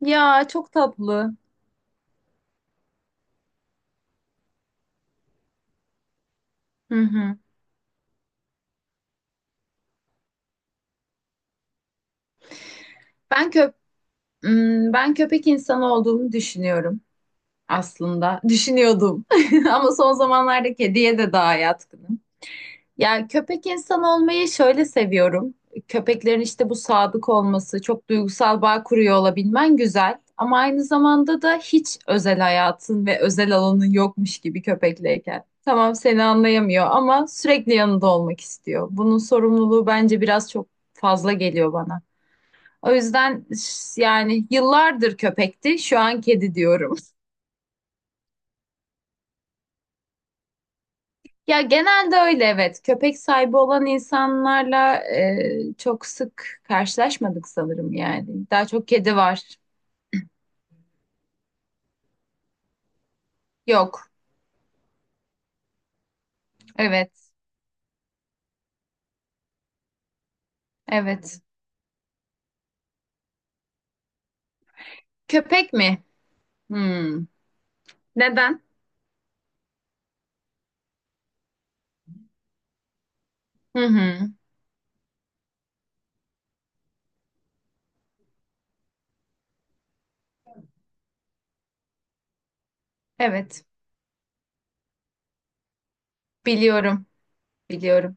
Ya çok tatlı. Hı hı. Ben köp Ben köpek insanı olduğumu düşünüyorum aslında. Düşünüyordum. Ama son zamanlarda kediye de daha yatkınım. Ya köpek insanı olmayı şöyle seviyorum. Köpeklerin işte bu sadık olması, çok duygusal bağ kuruyor olabilmen güzel. Ama aynı zamanda da hiç özel hayatın ve özel alanın yokmuş gibi köpekleyken. Tamam seni anlayamıyor ama sürekli yanında olmak istiyor. Bunun sorumluluğu bence biraz çok fazla geliyor bana. O yüzden yani yıllardır köpekti, şu an kedi diyorum. Ya genelde öyle, evet. Köpek sahibi olan insanlarla çok sık karşılaşmadık sanırım yani. Daha çok kedi var. Yok. Evet. Evet. Köpek mi? Hmm. Neden? Hı hı. Evet. Biliyorum. Biliyorum.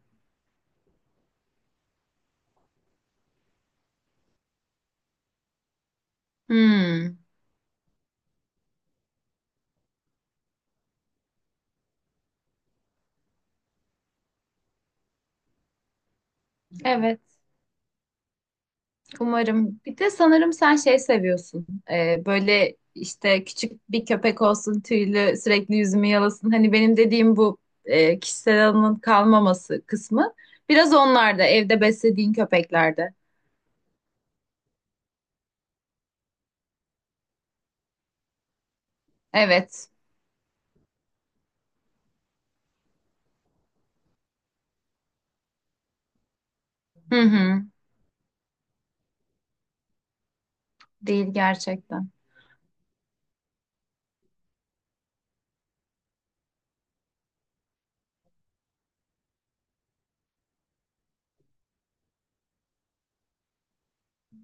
Hmm. Evet. Umarım. Bir de sanırım sen şey seviyorsun. Böyle işte küçük bir köpek olsun, tüylü, sürekli yüzümü yalasın. Hani benim dediğim bu kişisel alanın kalmaması kısmı. Biraz onlarda, evde beslediğin köpeklerde. Evet. Hı hı. Değil gerçekten.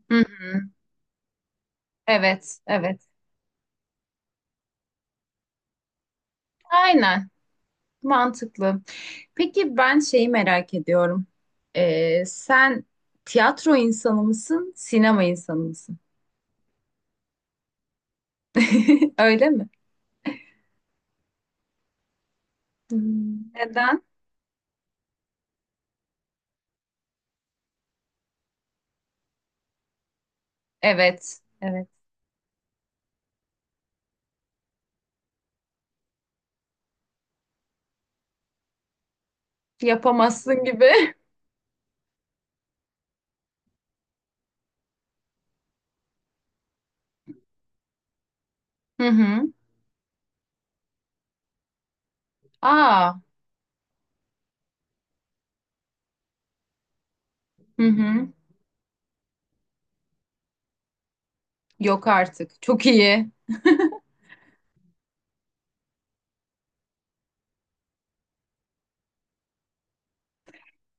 Hı hı. Evet, evet. Aynen. Mantıklı. Peki ben şeyi merak ediyorum. Sen tiyatro insanı mısın, sinema insanı mısın? Öyle mi? Hmm. Neden? Evet. Evet. Yapamazsın gibi. Hı hı. Aa. Hı hı. Yok artık. Çok iyi.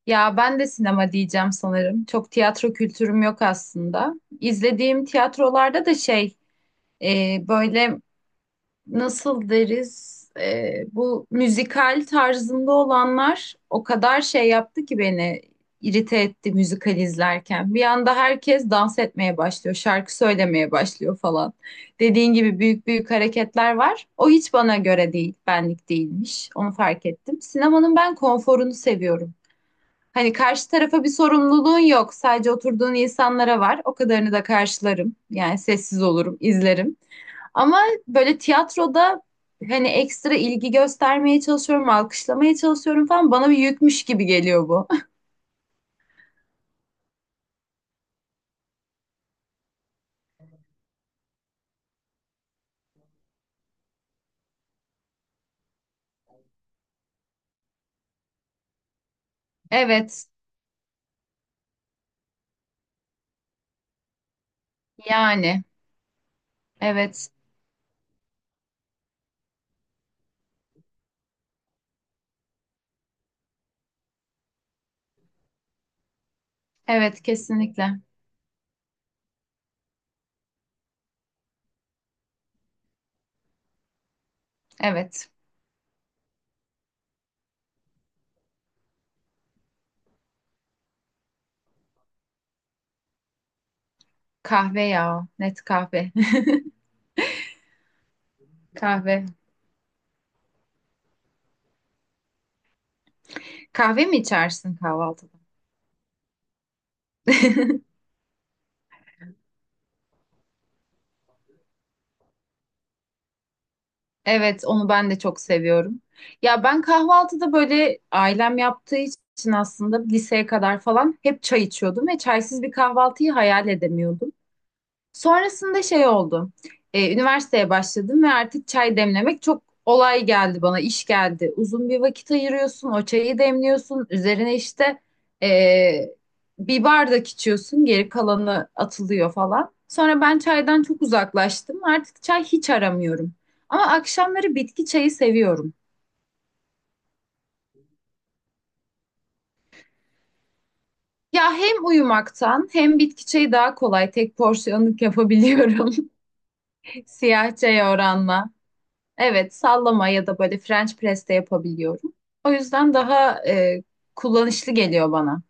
Ya ben de sinema diyeceğim sanırım. Çok tiyatro kültürüm yok aslında. İzlediğim tiyatrolarda da şey böyle nasıl deriz, bu müzikal tarzında olanlar o kadar şey yaptı ki beni irite etti müzikal izlerken. Bir anda herkes dans etmeye başlıyor, şarkı söylemeye başlıyor falan. Dediğin gibi büyük büyük hareketler var. O hiç bana göre değil, benlik değilmiş. Onu fark ettim. Sinemanın ben konforunu seviyorum. Hani karşı tarafa bir sorumluluğun yok. Sadece oturduğun insanlara var. O kadarını da karşılarım. Yani sessiz olurum, izlerim. Ama böyle tiyatroda hani ekstra ilgi göstermeye çalışıyorum, alkışlamaya çalışıyorum falan, bana bir yükmüş gibi geliyor bu. Evet, yani evet, evet kesinlikle. Evet. Kahve ya, net kahve. Kahve. Kahve mi içersin kahvaltıda? Evet, onu ben de çok seviyorum. Ya ben kahvaltıda böyle ailem yaptığı için aslında liseye kadar falan hep çay içiyordum ve çaysız bir kahvaltıyı hayal edemiyordum. Sonrasında şey oldu. Üniversiteye başladım ve artık çay demlemek çok olay geldi bana, iş geldi. Uzun bir vakit ayırıyorsun, o çayı demliyorsun. Üzerine işte ee, bir bardak içiyorsun, geri kalanı atılıyor falan. Sonra ben çaydan çok uzaklaştım. Artık çay hiç aramıyorum. Ama akşamları bitki çayı seviyorum. Ya hem uyumaktan hem bitki çayı daha kolay tek porsiyonluk yapabiliyorum. Siyah çaya oranla. Evet, sallama ya da böyle French press de yapabiliyorum. O yüzden daha kullanışlı geliyor bana.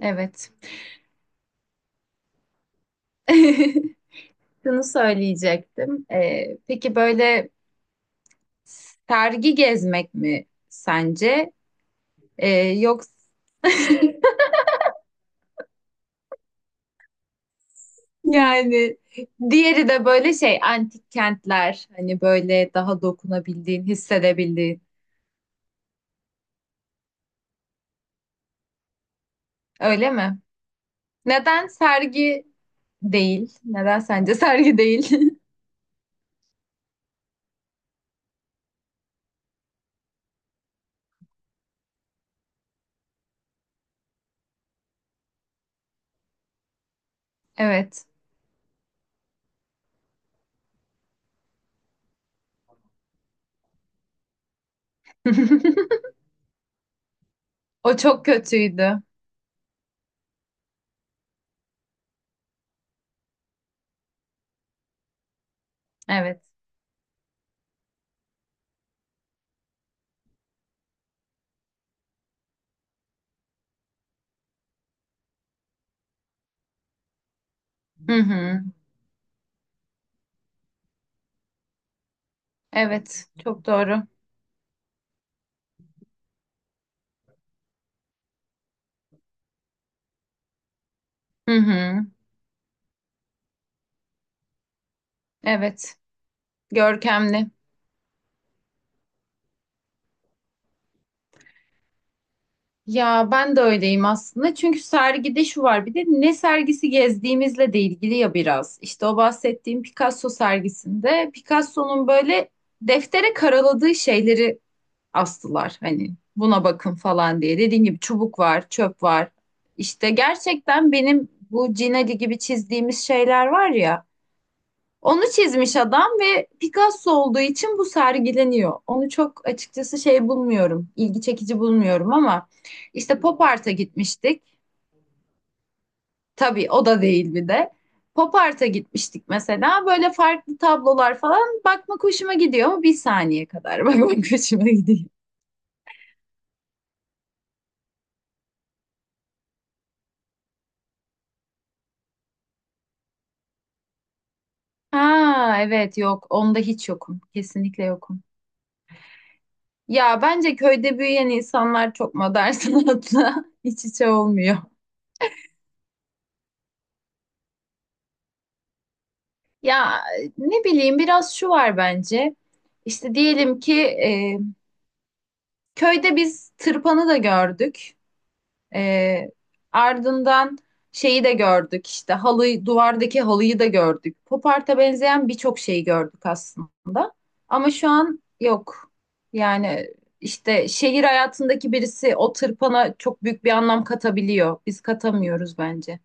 Evet. Şunu söyleyecektim. E, peki böyle sergi gezmek mi sence? E, Yoksa yani diğeri de böyle şey antik kentler, hani böyle daha dokunabildiğin, hissedebildiğin. Öyle mi? Neden sergi değil? Neden sence sergi değil? Evet. O çok kötüydü. Evet. Hı hı. Evet. Çok doğru. Hı hı. Evet. Görkemli. Ya ben de öyleyim aslında. Çünkü sergide şu var, bir de ne sergisi gezdiğimizle de ilgili ya biraz. İşte o bahsettiğim Picasso sergisinde Picasso'nun böyle deftere karaladığı şeyleri astılar. Hani buna bakın falan diye. Dediğim gibi çubuk var, çöp var. İşte gerçekten benim bu Cinali gibi çizdiğimiz şeyler var ya. Onu çizmiş adam ve Picasso olduğu için bu sergileniyor. Onu çok açıkçası şey bulmuyorum, ilgi çekici bulmuyorum ama işte pop art'a gitmiştik. Tabii o da değil bir de. Pop art'a gitmiştik mesela. Böyle farklı tablolar falan bakmak hoşuma gidiyor ama bir saniye kadar bakmak hoşuma gidiyor. Ha evet, yok onda hiç yokum. Kesinlikle yokum. Ya bence köyde büyüyen insanlar çok modern sanatla iç içe olmuyor. Ya ne bileyim, biraz şu var bence. İşte diyelim ki köyde biz tırpanı da gördük. E, Ardından şeyi de gördük işte halıyı, duvardaki halıyı da gördük. Poparta benzeyen birçok şeyi gördük aslında. Ama şu an yok. Yani işte şehir hayatındaki birisi o tırpana çok büyük bir anlam katabiliyor. Biz katamıyoruz bence.